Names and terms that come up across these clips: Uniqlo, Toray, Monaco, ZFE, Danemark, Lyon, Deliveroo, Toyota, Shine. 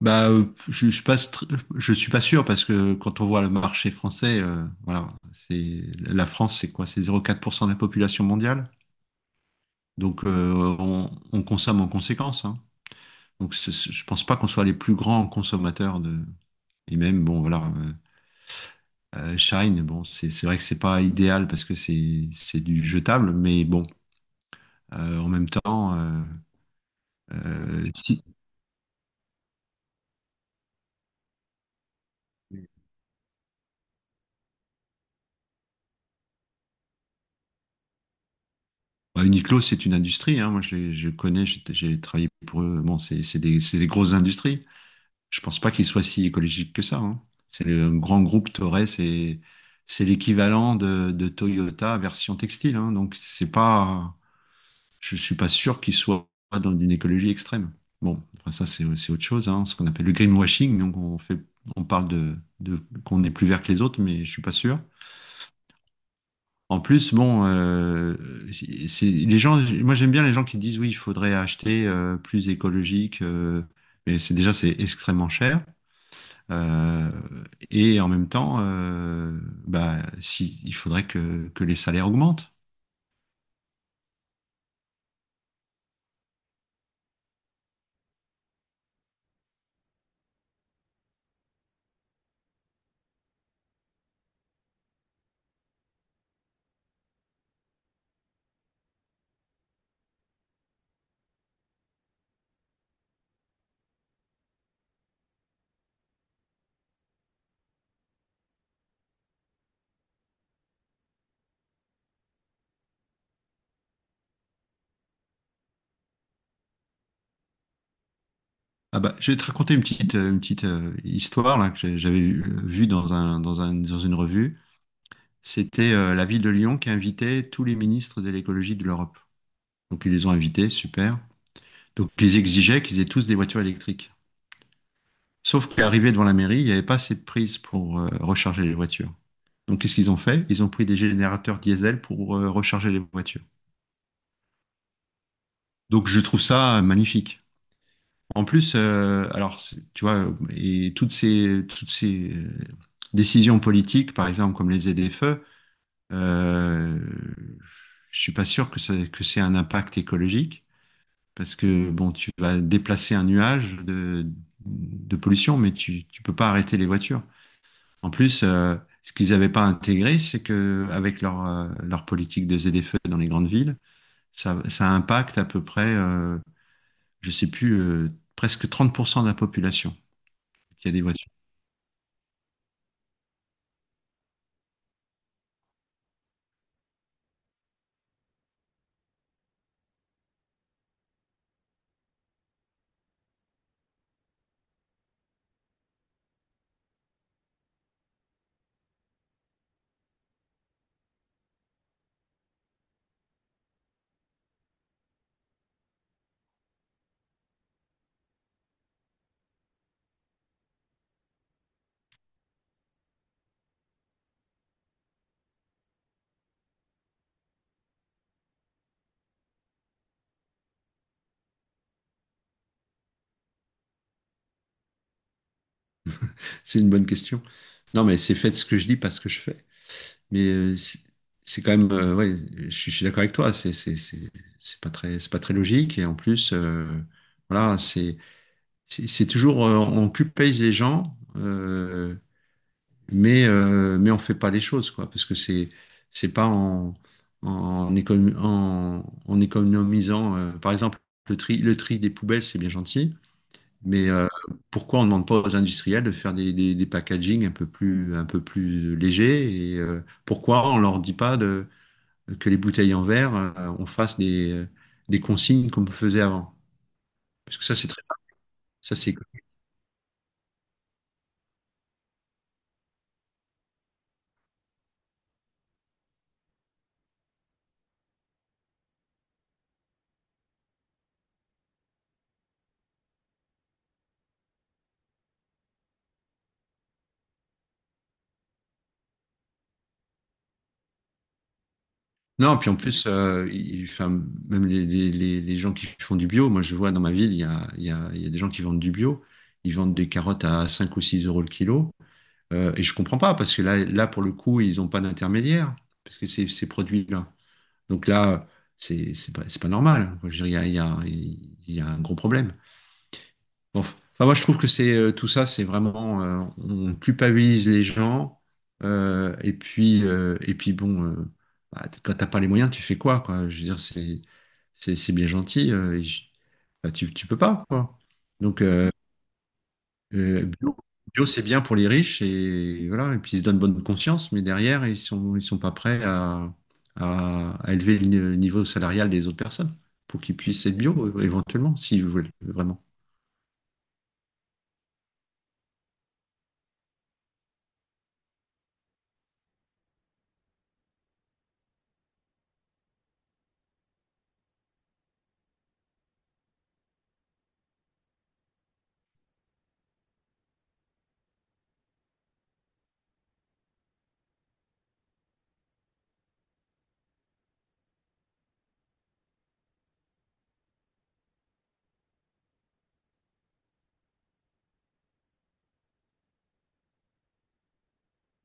Je passe, je suis pas sûr parce que quand on voit le marché français, voilà, c'est la France, c'est quoi? C'est zéro virgule quatre pour cent de la population mondiale. Donc, on consomme en conséquence, hein. Donc, je pense pas qu'on soit les plus grands consommateurs de. Et même, bon, voilà, Shine, bon, c'est vrai que c'est pas idéal parce que c'est du jetable, mais bon, en même temps, si. Bah, Uniqlo, c'est une industrie, hein. Moi, je connais, j'ai travaillé pour eux. Bon, c'est des grosses industries. Je pense pas qu'il soit si écologique que ça, hein. C'est le grand groupe Toray, c'est l'équivalent de Toyota version textile, hein. Donc c'est pas, je suis pas sûr qu'il soit dans une écologie extrême. Bon, enfin, ça c'est autre chose, hein, ce qu'on appelle le greenwashing. Donc on fait, on parle de, qu'on est plus vert que les autres, mais je suis pas sûr. En plus, bon, les gens. Moi j'aime bien les gens qui disent oui, il faudrait acheter plus écologique, mais c'est extrêmement cher. Euh, et en même temps, bah, si, il faudrait que les salaires augmentent. Ah bah, je vais te raconter une petite histoire là, que j'avais vue dans une revue. C'était la ville de Lyon qui invitait tous les ministres de l'écologie de l'Europe. Donc ils les ont invités, super. Donc ils exigeaient qu'ils aient tous des voitures électriques. Sauf qu'arrivé devant la mairie, il n'y avait pas assez de prise pour recharger les voitures. Donc qu'est-ce qu'ils ont fait? Ils ont pris des générateurs diesel pour recharger les voitures. Donc je trouve ça magnifique. En plus, alors, tu vois, et toutes ces décisions politiques, par exemple, comme les ZFE, euh, je suis pas sûr que ça, que c'est un impact écologique, parce que, bon, tu vas déplacer un nuage de pollution, mais tu peux pas arrêter les voitures. En plus, ce qu'ils n'avaient pas intégré, c'est que avec leur, leur politique de ZFE dans les grandes villes, ça impacte à peu près, je sais plus, presque 30% de la population qu'il y a des voitures? C'est une bonne question. Non, mais c'est fait ce que je dis, pas ce que je fais. Mais c'est quand même, ouais, je suis d'accord avec toi. C'est pas très logique. Et en plus, voilà, c'est toujours on culpabilise les gens, mais on fait pas les choses quoi, parce que c'est pas en en économisant, par exemple, le tri des poubelles, c'est bien gentil. Mais pourquoi on ne demande pas aux industriels de faire des packagings un peu plus légers et pourquoi on ne leur dit pas de, que les bouteilles en verre, on fasse des consignes comme on faisait avant? Parce que ça, c'est très simple. Ça, c'est... Non, puis en plus, enfin, même les gens qui font du bio, moi je vois dans ma ville, il y a des gens qui vendent du bio, ils vendent des carottes à 5 ou 6 euros le kilo. Et je comprends pas, parce que là pour le coup, ils n'ont pas d'intermédiaire, parce que c'est ces produits-là. Donc là, c'est pas normal. Je veux dire, il y a un gros problème. Bon, enfin, moi, je trouve que c'est tout ça, c'est vraiment, on culpabilise les gens. Et puis bon, bah, quand t'as pas les moyens, tu fais quoi, quoi? Je veux dire, c'est c'est bien gentil. Bah, tu peux pas, quoi. Donc, euh, bio, bio, c'est bien pour les riches et voilà, et puis ils se donnent bonne conscience, mais derrière, ils sont pas prêts à, à élever le niveau salarial des autres personnes pour qu'ils puissent être bio éventuellement, s'ils veulent vraiment.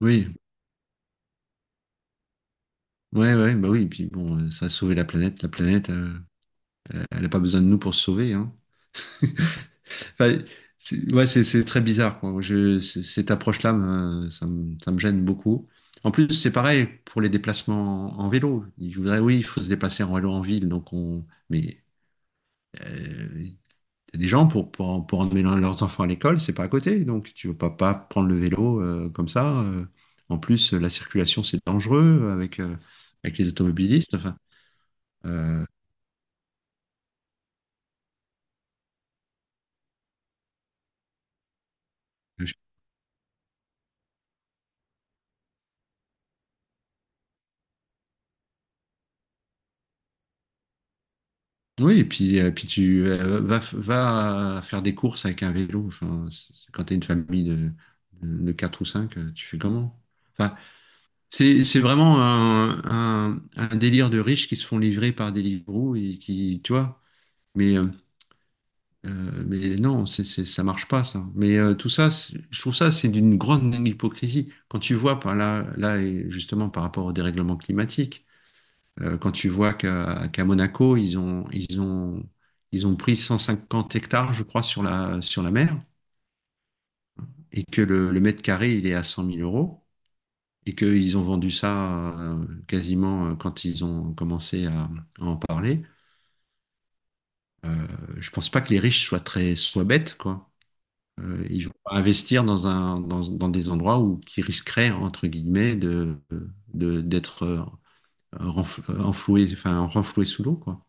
Oui, ouais, ouais, bah oui, et puis bon, ça a sauvé la planète. La planète, elle n'a pas besoin de nous pour se sauver, hein. Enfin, ouais, c'est très bizarre, quoi. Cette approche-là, ça ça me gêne beaucoup. En plus, c'est pareil pour les déplacements en vélo. Je voudrais, oui, il faut se déplacer en vélo en ville, donc on, mais euh, t'as des gens pour, pour emmener leurs enfants à l'école, c'est pas à côté, donc tu veux pas prendre le vélo comme ça, En plus, la circulation, c'est dangereux avec, avec les automobilistes. Enfin, euh, je oui, et puis, puis tu va faire des courses avec un vélo. Enfin, quand tu as une famille de 4 ou 5, tu fais comment? Enfin, c'est vraiment un délire de riches qui se font livrer par Deliveroo et qui, tu vois, mais, euh, mais non, ça marche pas, ça. Mais tout ça, je trouve ça, c'est d'une grande hypocrisie. Quand tu vois par là, là, et justement par rapport au dérèglement climatique, quand tu vois qu'à Monaco, ils ont pris 150 hectares, je crois, sur la mer, et que le mètre carré, il est à 100 000 euros, et qu'ils ont vendu ça quasiment quand ils ont commencé à en parler. Euh, je pense pas que les riches soient très, soient bêtes, quoi. Ils vont pas investir dans un, dans des endroits où qui risqueraient, entre guillemets, de, d'être enfloué, enfin, renfloué sous l'eau, quoi.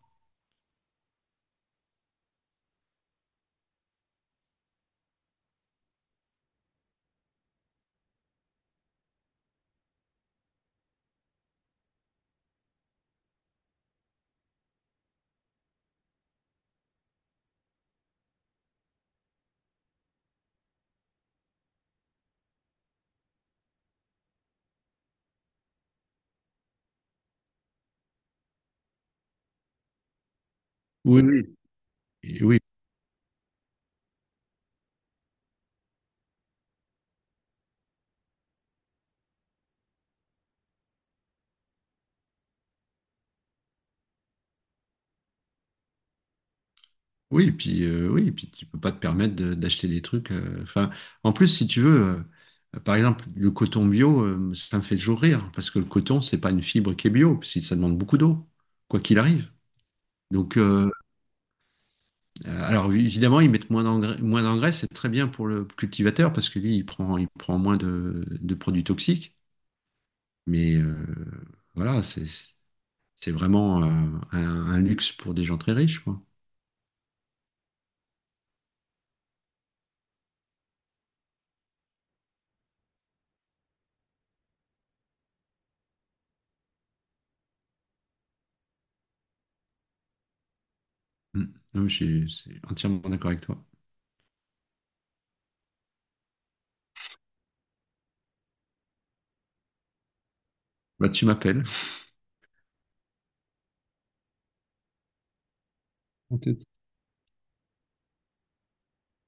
Oui, oui. Et oui, oui, et puis tu peux pas te permettre d'acheter des trucs. Enfin, en plus, si tu veux, par exemple, le coton bio, ça me fait toujours rire, parce que le coton, c'est pas une fibre qui est bio, parce ça demande beaucoup d'eau, quoi qu'il arrive. Donc, alors oui, évidemment, ils mettent moins d'engrais, c'est très bien pour le cultivateur parce que lui, il prend moins de produits toxiques. Mais voilà, c'est vraiment un, un luxe pour des gens très riches, quoi. Mm. Non, mais je suis entièrement d'accord avec toi. Bah, tu m'appelles. On te